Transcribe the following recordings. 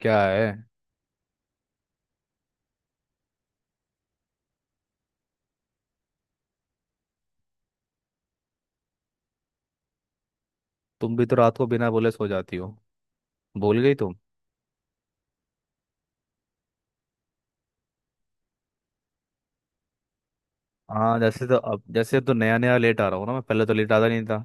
क्या है। तुम भी तो रात को बिना बोले सो जाती हो। भूल गई तुम। हाँ जैसे तो अब जैसे तो नया नया लेट आ रहा हूँ ना, मैं पहले तो लेट आता नहीं था।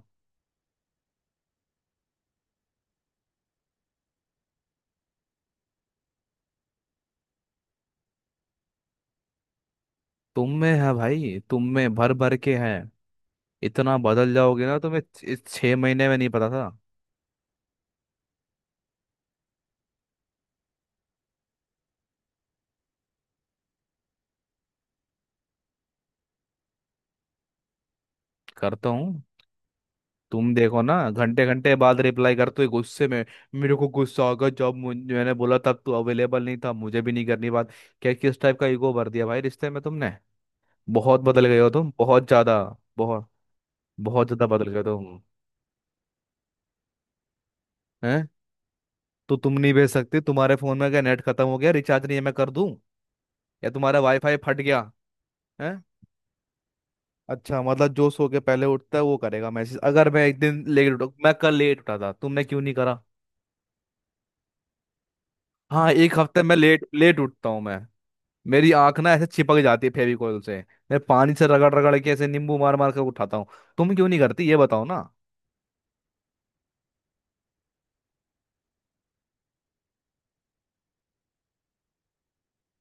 तुम में है भाई, तुम में भर भर के है। इतना बदल जाओगे ना, तुम्हें इस 6 महीने में नहीं पता था। करता हूँ। तुम देखो ना, घंटे घंटे बाद रिप्लाई करते हो गुस्से में। मेरे को गुस्सा आ गया, जब मैंने बोला तब तू अवेलेबल नहीं था, मुझे भी नहीं करनी बात। क्या किस टाइप का ईगो भर दिया भाई रिश्ते में तुमने। बहुत बदल गए हो तुम, बहुत ज्यादा। बहुत, बहुत ज्यादा बदल गए तुम। हैं। तो तुम नहीं भेज सकते? तुम्हारे फोन में क्या नेट खत्म हो गया? रिचार्ज नहीं है, मैं कर दूं? या तुम्हारा वाईफाई फट गया है? अच्छा मतलब जो सो के पहले उठता है वो करेगा मैसेज। अगर मैं 1 दिन लेट उठा, मैं कल लेट उठा था, तुमने क्यों नहीं करा? हाँ, 1 हफ्ते में लेट लेट उठता हूँ मैं। मेरी आंख ना ऐसे चिपक जाती है फेविकोल से। मैं पानी से रगड़ रगड़ के, ऐसे नींबू मार मार कर उठाता हूँ। तुम क्यों नहीं करती ये बताओ ना।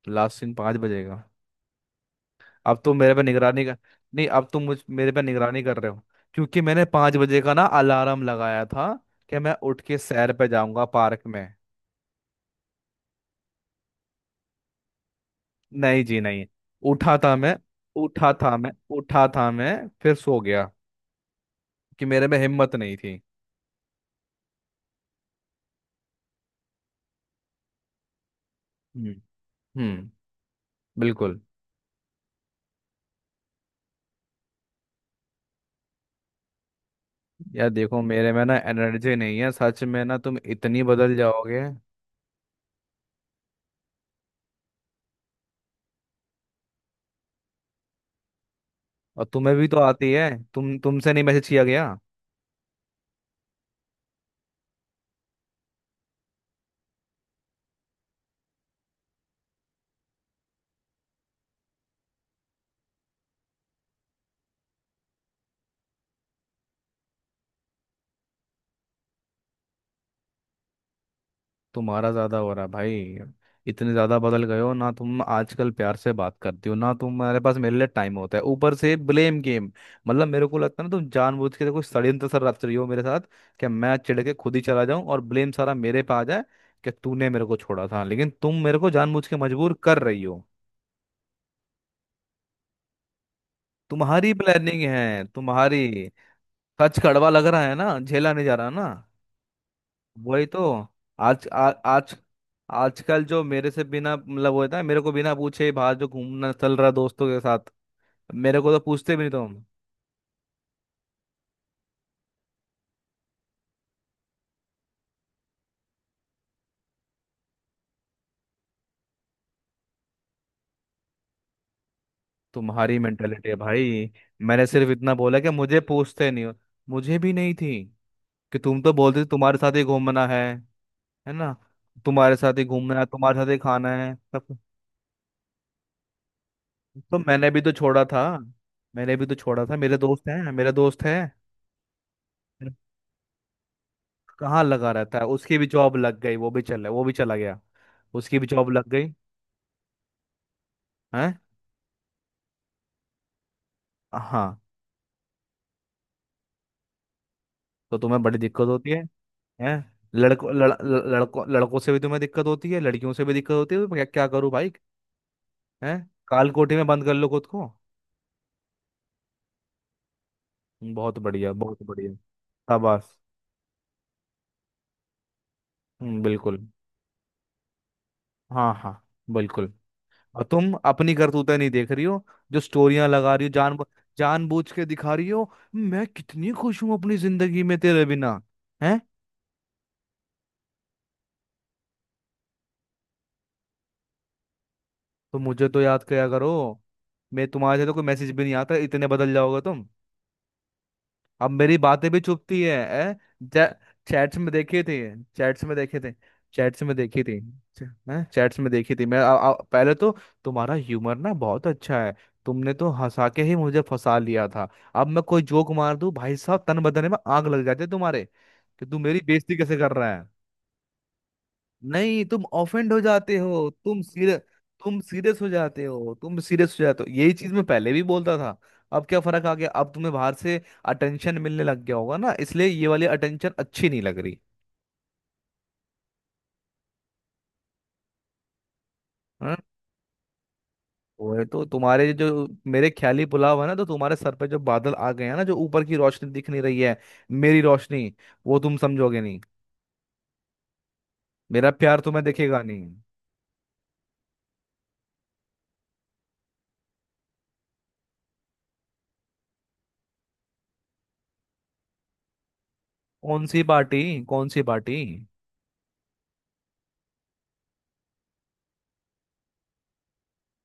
लास्ट सीन 5 बजेगा। अब तुम मेरे पे निगरानी कर। नहीं, अब तुम मुझ मेरे पे निगरानी कर रहे हो। क्योंकि मैंने 5 बजे का ना अलार्म लगाया था कि मैं उठ के सैर पे जाऊंगा पार्क में। नहीं जी नहीं। उठा था मैं। उठा था मैं। उठा था मैं। फिर सो गया। कि मेरे में हिम्मत नहीं थी। हम्म। हम्म। बिल्कुल। यार देखो, मेरे में ना एनर्जी नहीं है सच में। ना तुम इतनी बदल जाओगे। और तुम्हें भी तो आती है। तुमसे नहीं मैसेज किया गया। तुम्हारा ज्यादा हो रहा है भाई। इतने ज्यादा बदल गए हो ना तुम आजकल, प्यार से बात करती हो ना, तुम्हारे पास मेरे लिए टाइम होता है, ऊपर से ब्लेम गेम। मतलब मेरे को लगता है ना, तुम जानबूझ के कोई षड्यंत्र सर रच रही हो मेरे साथ, कि मैं चिढ़ के खुद ही चला जाऊं और ब्लेम सारा मेरे पे आ जाए, कि तूने मेरे को छोड़ा था। लेकिन तुम मेरे को जानबूझ के मजबूर कर रही हो। तुम्हारी प्लानिंग है तुम्हारी। सच कड़वा लग रहा है ना, झेला नहीं जा रहा ना। वही तो। आज आजकल जो मेरे से बिना मतलब वो होता है, मेरे को बिना पूछे ही बाहर जो घूमना चल रहा है दोस्तों के साथ। मेरे को तो पूछते भी नहीं तुम। तुम्हारी मेंटेलिटी है भाई। मैंने सिर्फ इतना बोला कि मुझे पूछते नहीं हो। मुझे भी नहीं थी, कि तुम तो बोलते थे तुम्हारे साथ ही घूमना है ना? तुम्हारे साथ ही घूमना है, तुम्हारे साथ ही खाना है, सब कुछ। तो मैंने भी तो छोड़ा था। मैंने भी तो छोड़ा था, मेरे दोस्त हैं, मेरे दोस्त हैं। कहाँ लगा रहता है, उसकी भी जॉब लग गई, वो भी चला गया। उसकी भी जॉब लग गई है। हाँ। तो तुम्हें बड़ी दिक्कत होती है। हैं। लड़कों लड़, लड़- लड़कों लड़कों से भी तुम्हें दिक्कत होती है, लड़कियों से भी दिक्कत होती है, तो क्या करूँ भाई। हैं। काल कोठे में बंद कर लो खुद को। बहुत बढ़िया, बहुत बढ़िया। शाबाश। बिल्कुल। हाँ हाँ, बिल्कुल। और तुम अपनी करतूतें नहीं देख रही हो। जो स्टोरियां लगा रही हो, जानबूझ के दिखा रही हो। मैं कितनी खुश हूँ अपनी जिंदगी में तेरे बिना। हैं। तो मुझे तो याद किया करो। मैं, तुम्हारे से तो कोई मैसेज भी नहीं आता, इतने बदल जाओगे तुम। अब मेरी बातें भी चुपती है, है? चैट्स में देखी थी। चैट्स में देखे थे। चैट्स में देखी थी। हैं, चैट्स में देखी थी मैं। आ, आ, पहले तो तुम्हारा ह्यूमर ना बहुत अच्छा है। तुमने तो हंसा के ही मुझे फंसा लिया था। अब मैं कोई जोक मार दूं, भाई साहब तन बदन में आग लग जाती है तुम्हारे, कि तू मेरी बेइज्जती कैसे कर रहा। नहीं, तुम ऑफेंड हो जाते हो, तुम सीरियस हो जाते हो, तुम सीरियस हो जाते हो, यही चीज मैं पहले भी बोलता था। अब क्या फर्क आ गया, अब तुम्हें बाहर से अटेंशन मिलने लग गया होगा ना, इसलिए ये वाली अटेंशन अच्छी नहीं लग रही। हाँ। वो तो तुम्हारे जो, मेरे ख्याली पुलाव है ना, तो तुम्हारे सर पे जो बादल आ गए हैं ना, जो ऊपर की रोशनी दिख नहीं रही है, मेरी रोशनी, वो तुम समझोगे नहीं। मेरा प्यार तुम्हें दिखेगा नहीं। कौन सी पार्टी? कौन सी पार्टी?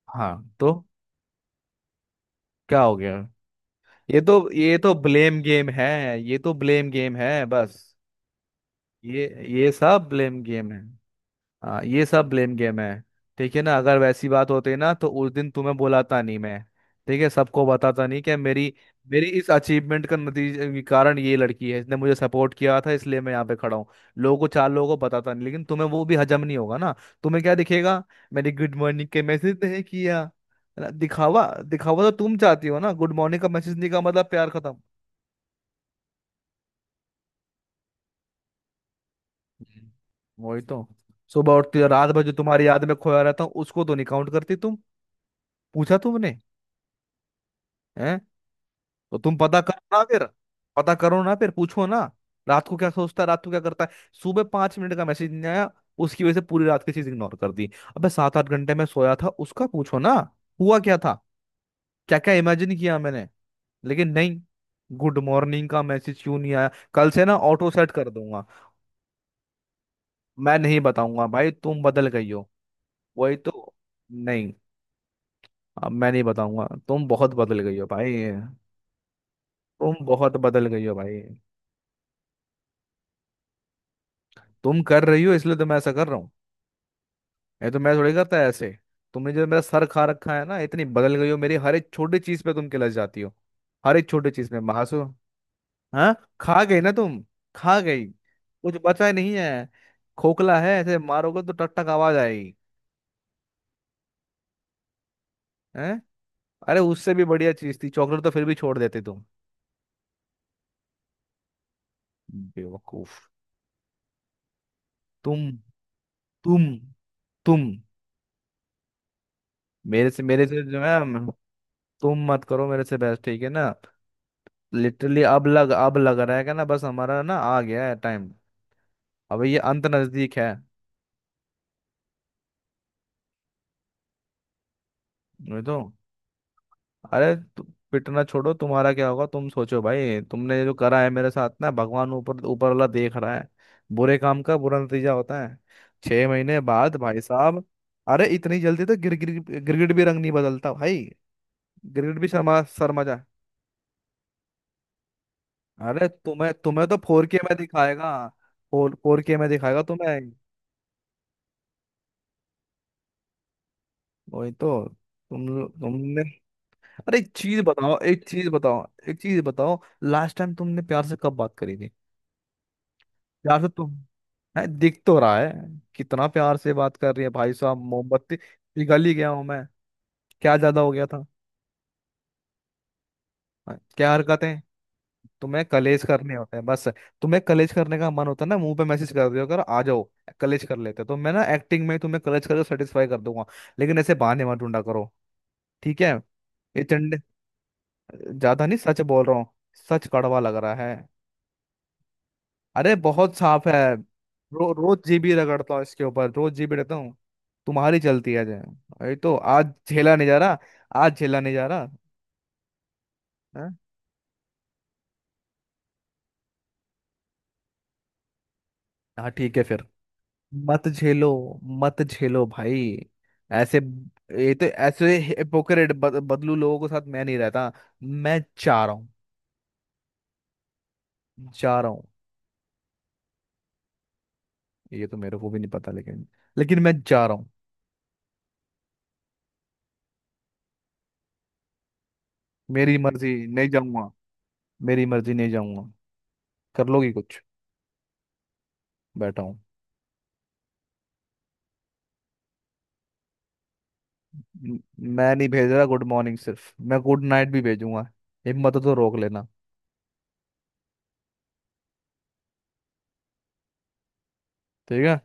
हाँ तो क्या हो गया? ये तो ब्लेम गेम है। ये तो ब्लेम गेम है बस। ये ये सब ब्लेम गेम है। हाँ ये सब ब्लेम गेम है। ठीक है ना, अगर वैसी बात होती ना, तो उस दिन तुम्हें बुलाता नहीं मैं। ठीक है, सबको बताता नहीं कि मेरी मेरी इस अचीवमेंट का नतीजे कारण ये लड़की है, इसने मुझे सपोर्ट किया था इसलिए मैं यहाँ पे खड़ा हूँ। लोगों को चार लोगों को बताता नहीं, लेकिन तुम्हें वो भी हजम नहीं होगा ना। तुम्हें क्या दिखेगा। मैंने गुड मॉर्निंग के मैसेज नहीं किया है ना? दिखावा, दिखावा तो तुम चाहती हो ना, गुड मॉर्निंग का मैसेज नहीं का मतलब प्यार खत्म। वही तो, सुबह उठती हो, रात भर जो तुम्हारी याद में खोया रहता हूँ उसको तो नहीं काउंट करती तुम। पूछा तुमने? हैं? तो तुम पता करो ना फिर। पता करो ना फिर, पूछो ना। रात को क्या सोचता है, रात को क्या करता है। सुबह 5 मिनट का मैसेज नहीं आया, उसकी वजह से पूरी रात की चीज इग्नोर कर दी। अबे 7 8 घंटे में सोया था, उसका पूछो ना। हुआ क्या था, क्या क्या इमेजिन किया मैंने। लेकिन नहीं। गुड मॉर्निंग का मैसेज क्यों नहीं आया, कल से ना ऑटो सेट कर दूंगा। मैं नहीं बताऊंगा भाई, तुम बदल गई हो। वही तो। नहीं, अब मैं नहीं बताऊंगा, तुम बहुत बदल गई हो भाई। तुम बहुत बदल गई हो भाई। तुम कर रही हो, इसलिए तो मैं ऐसा कर रहा हूँ। ये तो मैं थोड़ी करता है ऐसे। तुमने जो मेरा सर खा रखा है ना, इतनी बदल गई हो, मेरी हर एक छोटी चीज पे तुम किलस जाती हो। हर एक छोटी चीज में महासु हाँ। खा गई ना तुम। खा गई, कुछ बचा ही नहीं है। खोखला है, ऐसे मारोगे तो टक टक आवाज आएगी। हैं। अरे, उससे भी बढ़िया चीज थी, चॉकलेट तो फिर भी छोड़ देते तुम। बेवकूफ। तुम तुम तुम मेरे से जो है तुम मत करो मेरे से बहस, ठीक है ना। लिटरली, अब लग रहा है कि ना, बस हमारा ना आ गया है टाइम। अब ये अंत नजदीक है। नहीं तो। अरे पिटना छोड़ो, तुम्हारा क्या होगा तुम सोचो भाई, तुमने जो करा है मेरे साथ ना, भगवान, ऊपर ऊपर वाला देख रहा है। बुरे काम का बुरा नतीजा होता है। 6 महीने बाद, भाई साहब। अरे इतनी जल्दी तो गिर गिर गिरगिट भी रंग नहीं बदलता भाई। गिरगिट भी शर्मा, शर्मा। अरे तुम्हें तुम्हें तो 4K में दिखाएगा। फोर फोर के में दिखाएगा तुम्हें। वही तो। तुमने अरे एक चीज बताओ, एक चीज बताओ, एक चीज बताओ। लास्ट टाइम तुमने प्यार से कब बात करी थी? प्यार से तुम। है, दिख तो रहा है, कितना प्यार से बात कर रही है भाई साहब, मोमबत्ती पिघल ही गया हूं मैं। क्या ज्यादा हो गया था। हाँ, क्या हरकतें। तुम्हें कलेज करने होते हैं बस। तुम्हें कलेज करने का मन होता है ना, मुंह पे मैसेज कर दियो, कर आ जाओ। कलेज कर लेते हैं तो मैं ना एक्टिंग में तुम्हें कलेज करके सेटिस्फाई कर दूंगा। लेकिन ऐसे बहाने मत ढूंढा करो। ठीक है। ये चंडे। ज्यादा नहीं, सच बोल रहा हूँ। सच कड़वा लग रहा है। अरे बहुत साफ है, रोज GB रगड़ता हूँ इसके ऊपर, रोज GB रहता हूँ। तुम्हारी चलती है जय। वही तो, आज झेला नहीं जा रहा। आज झेला नहीं जा रहा। हैं? हाँ ठीक है फिर। मत झेलो। मत झेलो भाई। ऐसे, ये तो ऐसे हिपोक्रेट बदलू लोगों के साथ मैं नहीं रहता। मैं जा रहा हूँ। जा रहा हूँ। ये तो मेरे को भी नहीं पता, लेकिन लेकिन मैं जा रहा हूँ। मेरी मर्जी, नहीं जाऊंगा। मेरी मर्जी, नहीं जाऊंगा। कर लोगी कुछ? बैठा हूँ। म- मैं नहीं भेज रहा गुड मॉर्निंग, सिर्फ, मैं गुड नाइट भी भेजूंगा। हिम्मत हो तो रोक लेना। ठीक है।